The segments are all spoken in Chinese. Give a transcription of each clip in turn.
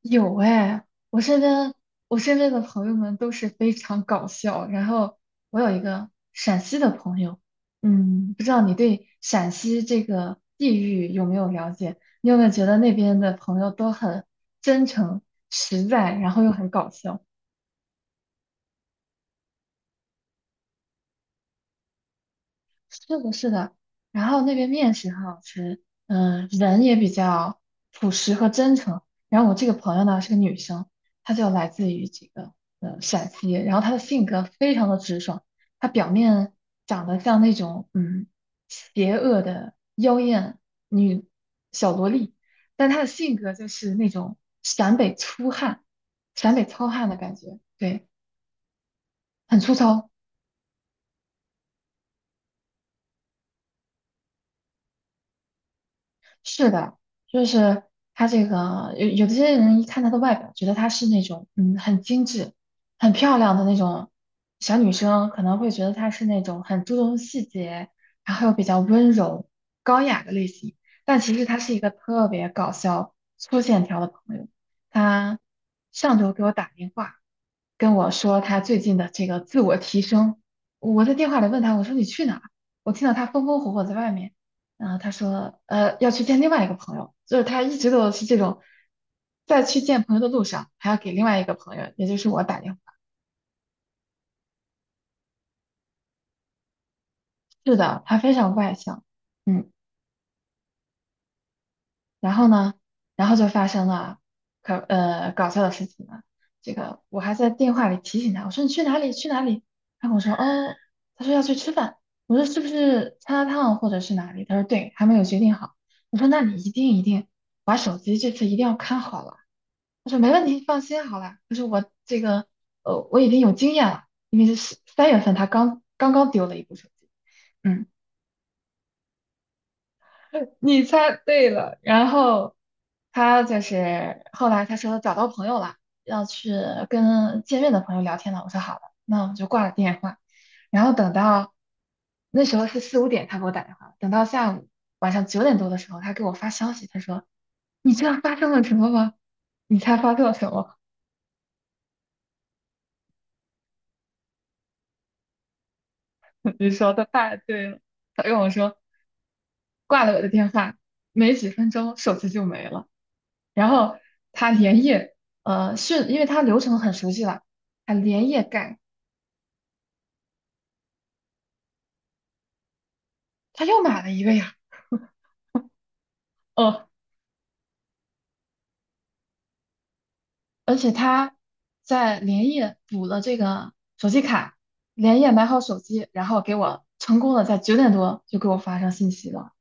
有哎，我身边我身边的朋友们都是非常搞笑。然后我有一个陕西的朋友，不知道你对陕西这个地域有没有了解？你有没有觉得那边的朋友都很真诚、实在，然后又很搞笑？是的，是的，然后那边面食很好吃，人也比较朴实和真诚。然后我这个朋友呢是个女生，她就来自于这个陕西，然后她的性格非常的直爽，她表面长得像那种邪恶的妖艳女小萝莉，但她的性格就是那种陕北粗汉、陕北糙汉的感觉，对，很粗糙。是的，就是他这个有的些人一看她的外表，觉得她是那种很精致、很漂亮的那种小女生，可能会觉得她是那种很注重细节，然后又比较温柔、高雅的类型。但其实她是一个特别搞笑、粗线条的朋友。她上周给我打电话，跟我说他最近的这个自我提升。我在电话里问他，我说你去哪儿。我听到他风风火火在外面，然后他说，要去见另外一个朋友，就是他一直都是这种，在去见朋友的路上还要给另外一个朋友，也就是我打电话。是的，他非常外向，嗯。然后呢，然后就发生了搞笑的事情了。这个我还在电话里提醒他，我说你去哪里去哪里？他跟我说哦，他说要去吃饭。我说是不是麻辣烫或者是哪里？他说对，还没有决定好。我说那你一定一定把手机这次一定要看好了。他说没问题，放心好了。他说我这个我已经有经验了，因为是三月份他刚刚丢了一部手机。嗯。你猜对了。然后他就是后来他说找到朋友了，要去跟见面的朋友聊天了。我说好了，那我们就挂了电话。然后等到那时候是四五点，他给我打电话。等到下午晚上九点多的时候，他给我发消息，他说：“你知道发生了什么吗？”你猜发生了什么？你说的太对了。他跟我说挂了我的电话，没几分钟手机就没了。然后他连夜，是因为他流程很熟悉了，他连夜干，他又买了一个呀，哦，而且他在连夜补了这个手机卡，连夜买好手机，然后给我成功的在九点多就给我发上信息了。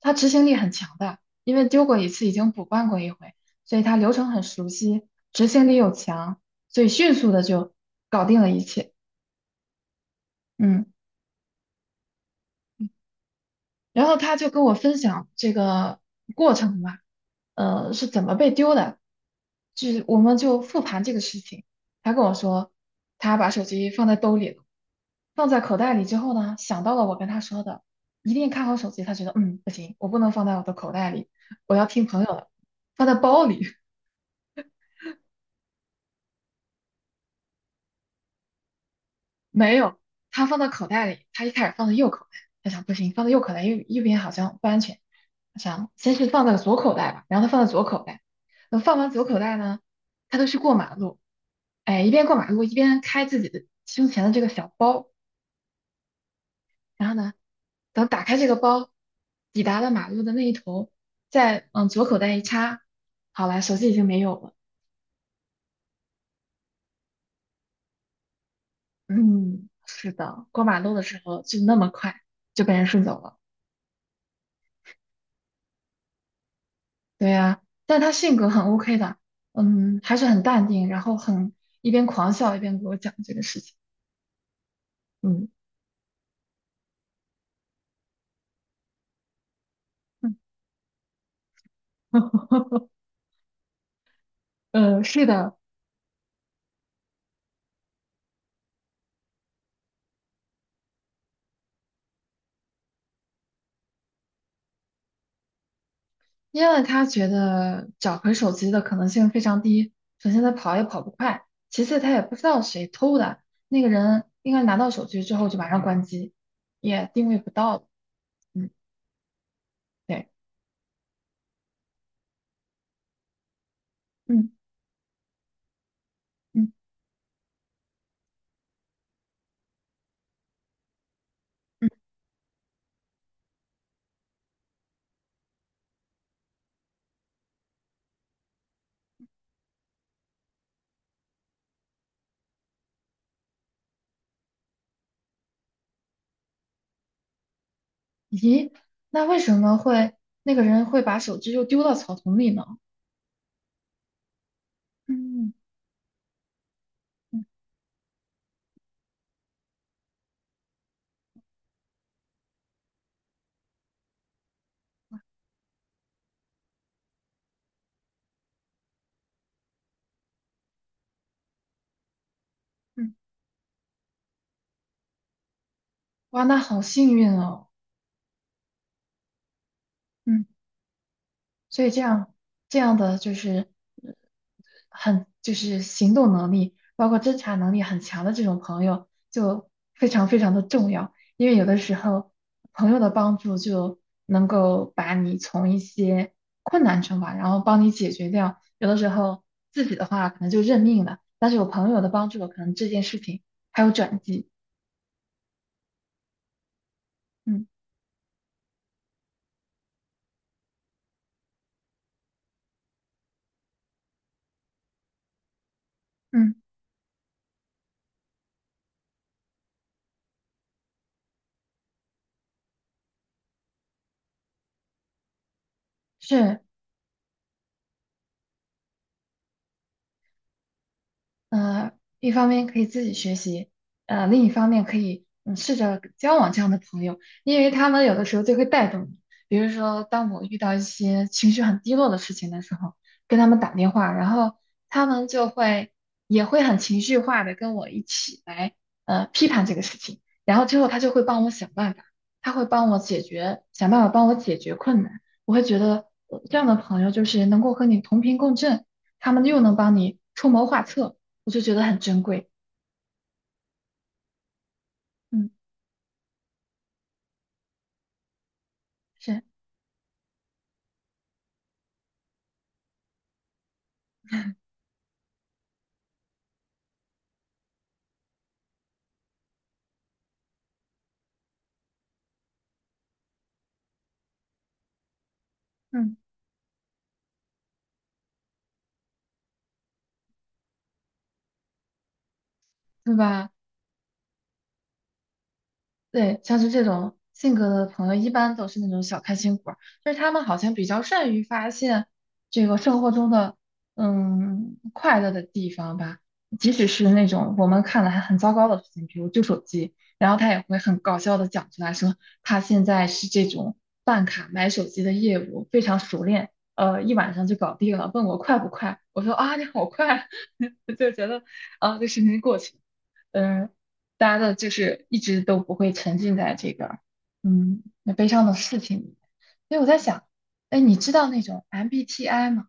他执行力很强的，因为丢过一次已经补办过一回，所以他流程很熟悉，执行力又强，所以迅速的就搞定了一切。嗯。然后他就跟我分享这个过程嘛，是怎么被丢的，就是我们就复盘这个事情。他跟我说，他把手机放在兜里了，放在口袋里之后呢，想到了我跟他说的，一定看好手机。他觉得，不行，我不能放在我的口袋里，我要听朋友的，放在包里。没有，他放到口袋里，他一开始放在右口袋，他想不行，放到右口袋右边好像不安全，他想先是放到左口袋吧，然后他放在左口袋，等放完左口袋呢，他就去过马路，哎，一边过马路一边开自己的胸前的这个小包，然后呢，等打开这个包，抵达了马路的那一头，再往左口袋一插，好了，手机已经没有了，嗯，是的，过马路的时候就那么快就被人顺走了。对呀，但他性格很 OK 的，还是很淡定，然后很一边狂笑一边给我讲这个事情，嗯嗯，是的，因为他觉得找回手机的可能性非常低，首先他跑也跑不快，其次他也不知道谁偷的，那个人应该拿到手机之后就马上关机，也定位不到，嗯，对，嗯嗯嗯，咦，那为什么会那个人会把手机又丢到草丛里呢？嗯嗯。嗯哇，那好幸运哦。嗯，所以这样的就是呃很就是行动能力，包括侦查能力很强的这种朋友，就非常非常的重要。因为有的时候朋友的帮助就能够把你从一些困难中吧，然后帮你解决掉。有的时候自己的话可能就认命了，但是有朋友的帮助，可能这件事情还有转机。嗯嗯，是。呃，一方面可以自己学习，另一方面可以试着交往这样的朋友，因为他们有的时候就会带动你。比如说，当我遇到一些情绪很低落的事情的时候，跟他们打电话，然后他们就会也会很情绪化的跟我一起来批判这个事情，然后之后他就会帮我想办法，他会帮我解决，想办法帮我解决困难。我会觉得这样的朋友就是能够和你同频共振，他们又能帮你出谋划策。我就觉得很珍贵。嗯，是，嗯，对吧？对，像是这种性格的朋友，一般都是那种小开心果儿，就是他们好像比较善于发现这个生活中的快乐的地方吧，即使是那种我们看来很糟糕的事情，比如旧手机，然后他也会很搞笑的讲出来说，他现在是这种办卡买手机的业务非常熟练，一晚上就搞定了，问我快不快，我说啊，你好快啊，就觉得啊，这事情过去了。嗯、呃大家的就是一直都不会沉浸在这个那悲伤的事情里面。所以我在想，哎，你知道那种 MBTI 吗？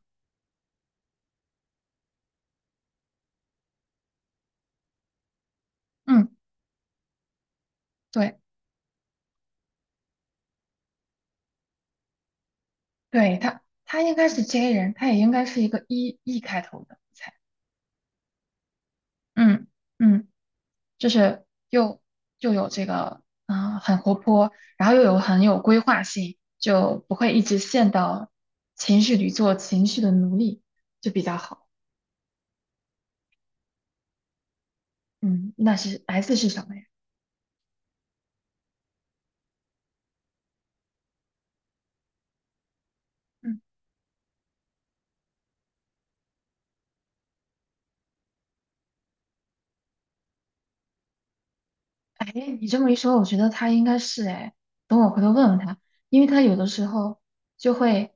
嗯，对对，他应该是 J 人，他也应该是一个 E 开头的，才，嗯嗯，就是又有这个很活泼，然后又有很有规划性，就不会一直陷到情绪里做情绪的奴隶，就比较好。嗯，那是 S 是什么呀？嗯。哎，你这么一说，我觉得他应该是哎，等我回头问问他，因为他有的时候就会，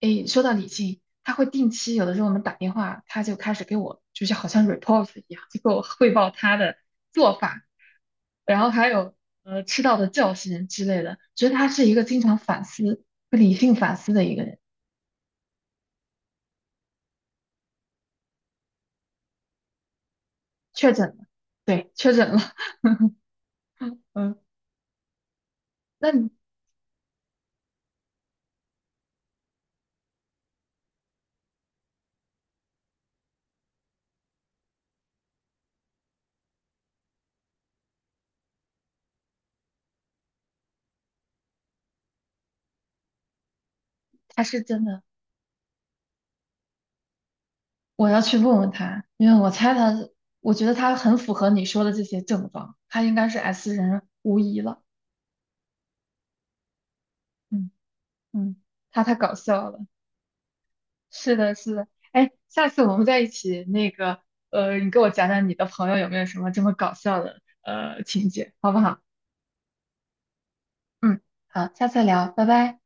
哎，说到理性，他会定期有的时候我们打电话，他就开始给我就是好像 report 一样，就给我汇报他的做法，然后还有吃到的教训之类的，觉得他是一个经常反思、会理性反思的一个人。确诊了，对，确诊了，嗯，那你他是真的。我要去问问他，因为我猜他，我觉得他很符合你说的这些症状，他应该是 S 人无疑了。嗯嗯，他太搞笑了。是的，是的。哎，下次我们在一起那个，你给我讲讲你的朋友有没有什么这么搞笑的情节，好不好？嗯，好，下次聊，拜拜。